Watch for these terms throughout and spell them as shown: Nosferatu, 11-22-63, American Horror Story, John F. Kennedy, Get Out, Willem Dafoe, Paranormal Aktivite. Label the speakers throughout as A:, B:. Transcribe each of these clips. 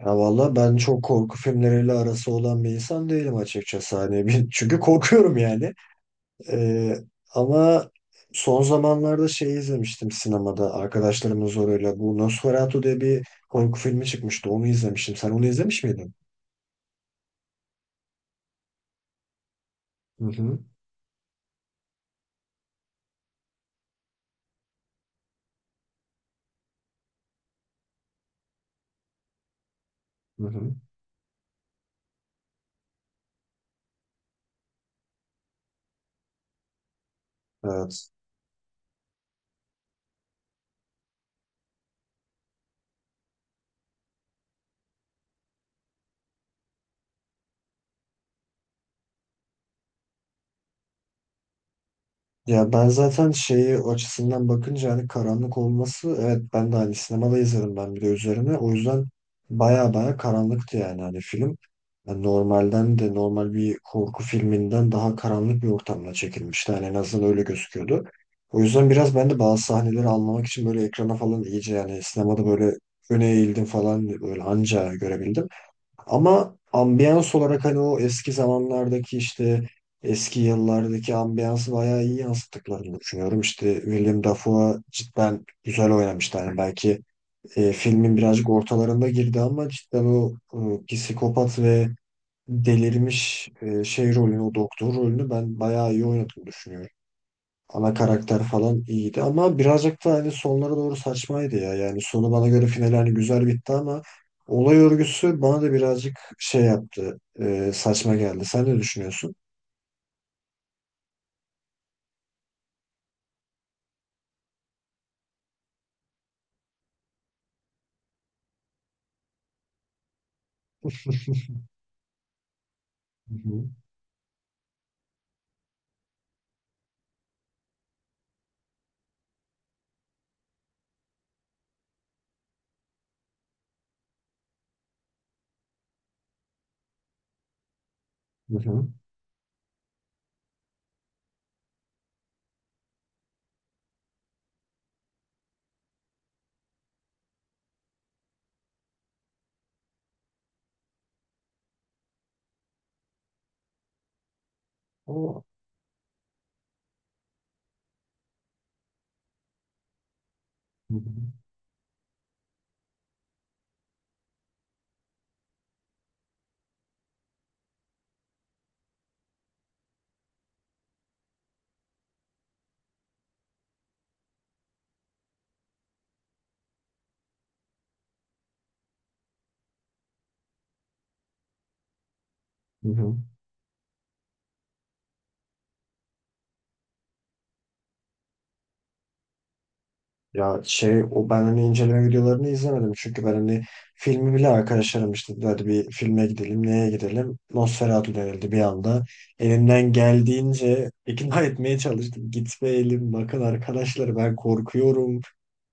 A: Ya valla ben çok korku filmleriyle arası olan bir insan değilim açıkçası. Çünkü korkuyorum yani. Ee, ama son zamanlarda şey izlemiştim sinemada arkadaşlarımın zoruyla. Bu Nosferatu diye bir korku filmi çıkmıştı. Onu izlemiştim. Sen onu izlemiş miydin? Hı hı. Hı hı. Evet. Ya ben zaten şeyi o açısından bakınca hani karanlık olması evet ben de hani sinemada izledim ben bir de üzerine. O yüzden baya baya karanlıktı yani hani film. Yani normalden de normal bir korku filminden daha karanlık bir ortamda çekilmişti. Yani en azından öyle gözüküyordu. O yüzden biraz ben de bazı sahneleri anlamak için böyle ekrana falan iyice yani sinemada böyle öne eğildim falan böyle anca görebildim. Ama ambiyans olarak hani o eski zamanlardaki işte eski yıllardaki ambiyansı bayağı iyi yansıttıklarını düşünüyorum. İşte Willem Dafoe cidden güzel oynamıştı. Yani belki filmin birazcık ortalarında girdi ama cidden o psikopat ve delirmiş şey rolünü, o doktor rolünü ben bayağı iyi oynadığını düşünüyorum. Ana karakter falan iyiydi ama birazcık da hani sonlara doğru saçmaydı ya. Yani sonu bana göre final hani güzel bitti ama olay örgüsü bana da birazcık şey yaptı. Saçma geldi. Sen ne düşünüyorsun? Hı hı. Hı hı. O- Hı hı. Hı hı. Ya şey o ben hani inceleme videolarını izlemedim çünkü ben hani filmi bile arkadaşlarım işte dedi hadi bir filme gidelim neye gidelim Nosferatu denildi bir anda elimden geldiğince ikna etmeye çalıştım gitmeyelim bakın arkadaşlar ben korkuyorum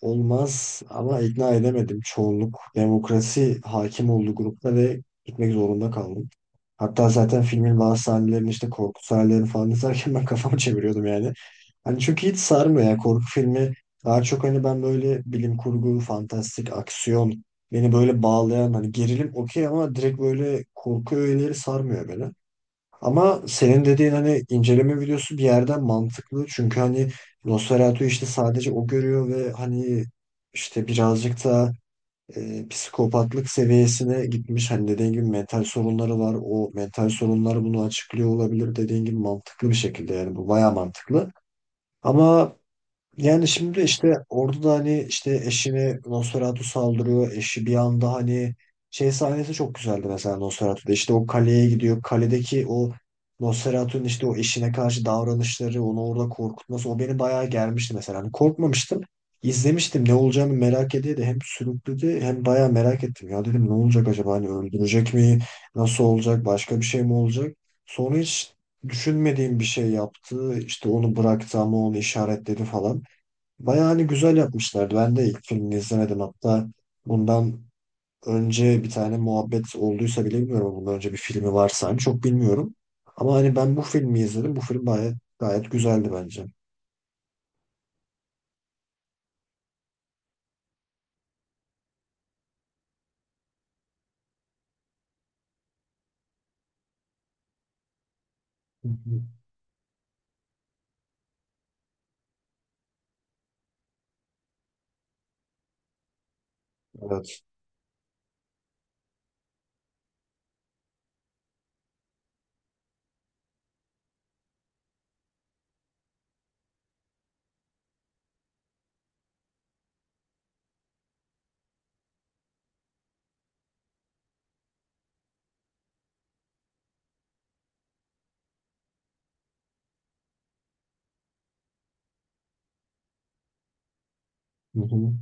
A: olmaz ama ikna edemedim çoğunluk demokrasi hakim olduğu grupta ve gitmek zorunda kaldık. Hatta zaten filmin bazı sahnelerini işte korku sahnelerini falan izlerken ben kafamı çeviriyordum yani. Hani çünkü hiç sarmıyor ya korku filmi. Daha çok hani ben böyle bilim kurgu, fantastik, aksiyon beni böyle bağlayan hani gerilim okey ama direkt böyle korku öğeleri sarmıyor beni. Ama senin dediğin hani inceleme videosu bir yerden mantıklı. Çünkü hani Nosferatu işte sadece o görüyor ve hani işte birazcık da psikopatlık seviyesine gitmiş. Hani dediğin gibi mental sorunları var. O mental sorunlar bunu açıklıyor olabilir. Dediğin gibi mantıklı bir şekilde yani bu bayağı mantıklı. Ama yani şimdi işte orada da hani işte eşini Nosferatu saldırıyor. Eşi bir anda hani şey sahnesi çok güzeldi mesela Nosferatu'da. İşte o kaleye gidiyor. Kaledeki o Nosferatu'nun işte o eşine karşı davranışları, onu orada korkutması o beni bayağı germişti mesela. Hani korkmamıştım. İzlemiştim ne olacağını merak ediyordu. Hem sürükledi hem bayağı merak ettim. Ya dedim ne olacak acaba hani öldürecek mi? Nasıl olacak? Başka bir şey mi olacak? Sonra hiç düşünmediğim bir şey yaptı. İşte onu bıraktı ama onu işaretledi falan. Bayağı hani güzel yapmışlardı. Ben de ilk filmini izlemedim. Hatta bundan önce bir tane muhabbet olduysa bile bilmiyorum. Ama bundan önce bir filmi varsa hani çok bilmiyorum. Ama hani ben bu filmi izledim. Bu film gayet, gayet güzeldi bence. Hı hı. Evet. Hı hı.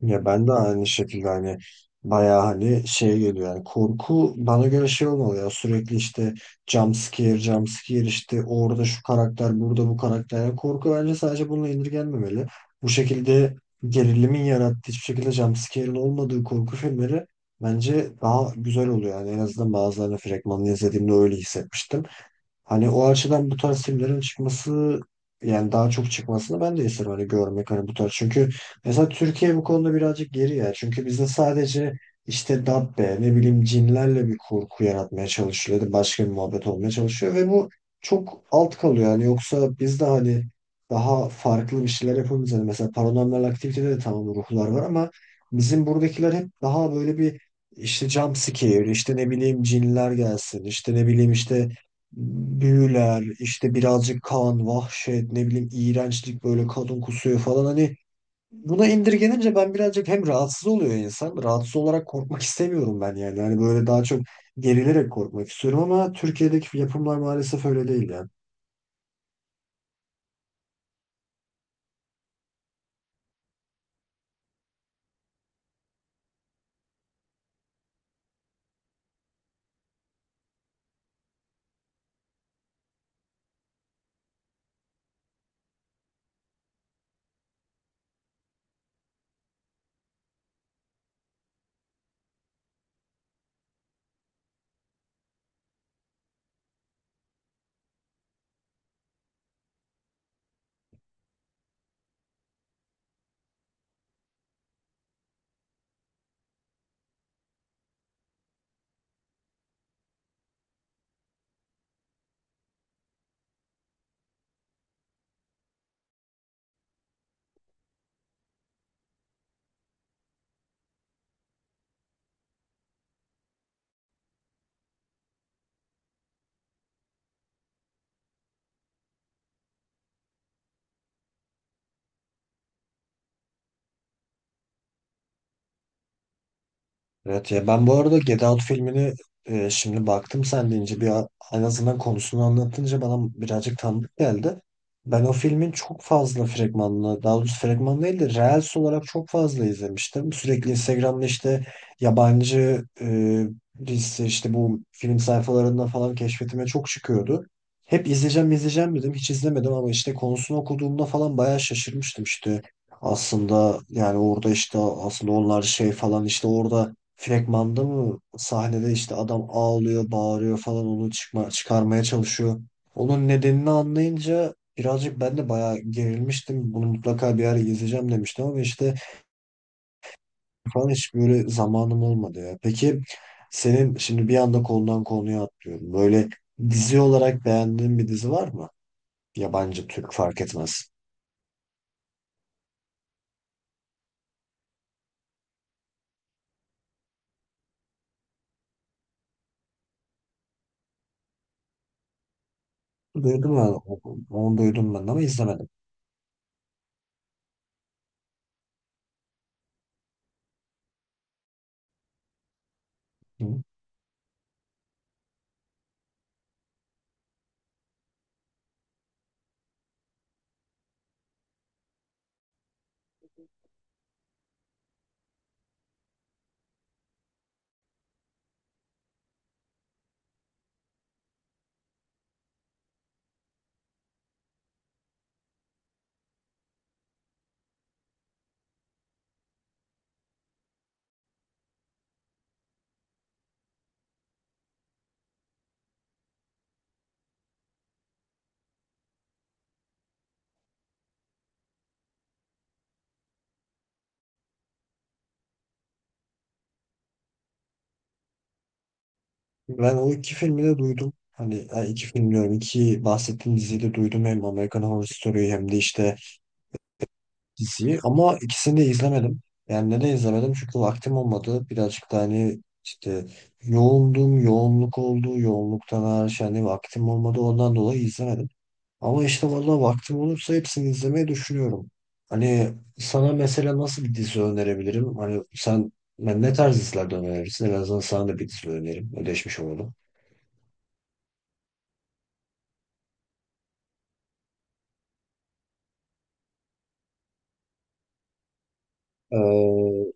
A: Ya ben de aynı şekilde hani bayağı hani şey geliyor yani korku bana göre şey olmalı ya sürekli işte jump scare jump scare işte orada şu karakter burada bu karakter. Yani korku bence sadece bununla indirgenmemeli. Bu şekilde gerilimin yarattığı hiçbir şekilde jump scare'in olmadığı korku filmleri bence daha güzel oluyor yani en azından bazılarını fragmanını izlediğimde öyle hissetmiştim. Hani o açıdan bu tarz filmlerin çıkması yani daha çok çıkmasını ben de isterim hani görmek hani bu tarz. Çünkü mesela Türkiye bu konuda birazcık geri ya. Çünkü bizde sadece işte dabbe ne bileyim cinlerle bir kurgu yaratmaya çalışılıyor. Ya da başka bir muhabbet olmaya çalışıyor ve bu çok alt kalıyor. Yani yoksa bizde hani daha farklı bir şeyler yapabiliriz. Hani mesela Paranormal Aktivite'de de tamam ruhlar var ama bizim buradakiler hep daha böyle bir işte jump scare, işte ne bileyim cinler gelsin, işte ne bileyim işte büyüler, işte birazcık kan, vahşet, ne bileyim iğrençlik böyle kadın kusuyor falan hani buna indirgenince ben birazcık hem rahatsız oluyor insan. Rahatsız olarak korkmak istemiyorum ben yani. Hani böyle daha çok gerilerek korkmak istiyorum ama Türkiye'deki yapımlar maalesef öyle değil ya. Evet ya ben bu arada Get Out filmini şimdi baktım sen deyince en azından konusunu anlatınca bana birazcık tanıdık geldi. Ben o filmin çok fazla fragmanını, daha doğrusu fragman değil de Reels olarak çok fazla izlemiştim. Sürekli Instagram'da işte yabancı liste işte bu film sayfalarında falan keşfetime çok çıkıyordu. Hep izleyeceğim izleyeceğim dedim hiç izlemedim ama işte konusunu okuduğumda falan bayağı şaşırmıştım işte. Aslında yani orada işte aslında onlar şey falan işte orada fragmanda mı sahnede işte adam ağlıyor, bağırıyor falan onu çıkarmaya çalışıyor. Onun nedenini anlayınca birazcık ben de bayağı gerilmiştim. Bunu mutlaka bir ara izleyeceğim demiştim ama işte falan hiç böyle zamanım olmadı ya. Peki senin şimdi bir anda konudan konuya atlıyorum. Böyle dizi olarak beğendiğin bir dizi var mı? Yabancı, Türk fark etmez. Duydum ben, onu duydum ben ama izlemedim. Hı. Ben o iki filmi de duydum. Hani yani iki film diyorum. İki bahsettiğim diziyi de duydum. Hem American Horror Story'yi hem de işte diziyi. Ama ikisini de izlemedim. Yani neden izlemedim? Çünkü vaktim olmadı. Birazcık da hani işte yoğundum. Yoğunluk oldu. Yoğunluktan hariç hani vaktim olmadı. Ondan dolayı izlemedim. Ama işte vallahi vaktim olursa hepsini izlemeyi düşünüyorum. Hani sana mesela nasıl bir dizi önerebilirim? Hani sen ben ne tarz dizilerden önerirsin? En azından sana da bir dizi önerim. Ödeşmiş olalım. Ee,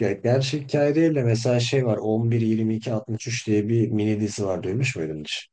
A: Ya gerçek hikaye değil de mesela şey var 11-22-63 diye bir mini dizi var duymuş muydun hiç?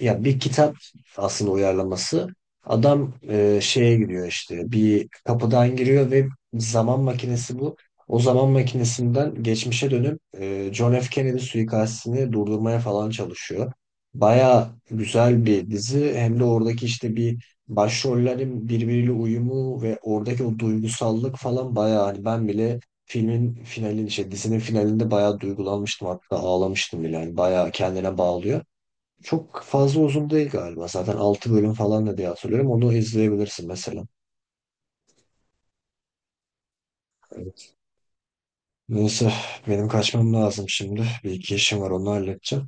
A: Ya bir kitap aslında uyarlaması. Adam şeye giriyor işte bir kapıdan giriyor ve zaman makinesi bu. O zaman makinesinden geçmişe dönüp John F. Kennedy suikastini durdurmaya falan çalışıyor. Baya güzel bir dizi. Hem de oradaki işte bir başrollerin birbiriyle uyumu ve oradaki o duygusallık falan baya hani ben bile filmin finalin işte dizinin finalinde bayağı duygulanmıştım hatta ağlamıştım bile. Yani bayağı kendine bağlıyor. Çok fazla uzun değil galiba. Zaten 6 bölüm falan da diye hatırlıyorum. Onu izleyebilirsin mesela. Evet. Neyse benim kaçmam lazım şimdi. Bir iki işim var onu halledeceğim.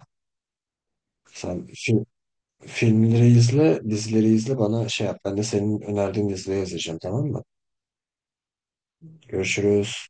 A: Sen fi- Filmleri izle, dizileri izle bana şey yap. Ben de senin önerdiğin dizileri izleyeceğim tamam mı? Görüşürüz.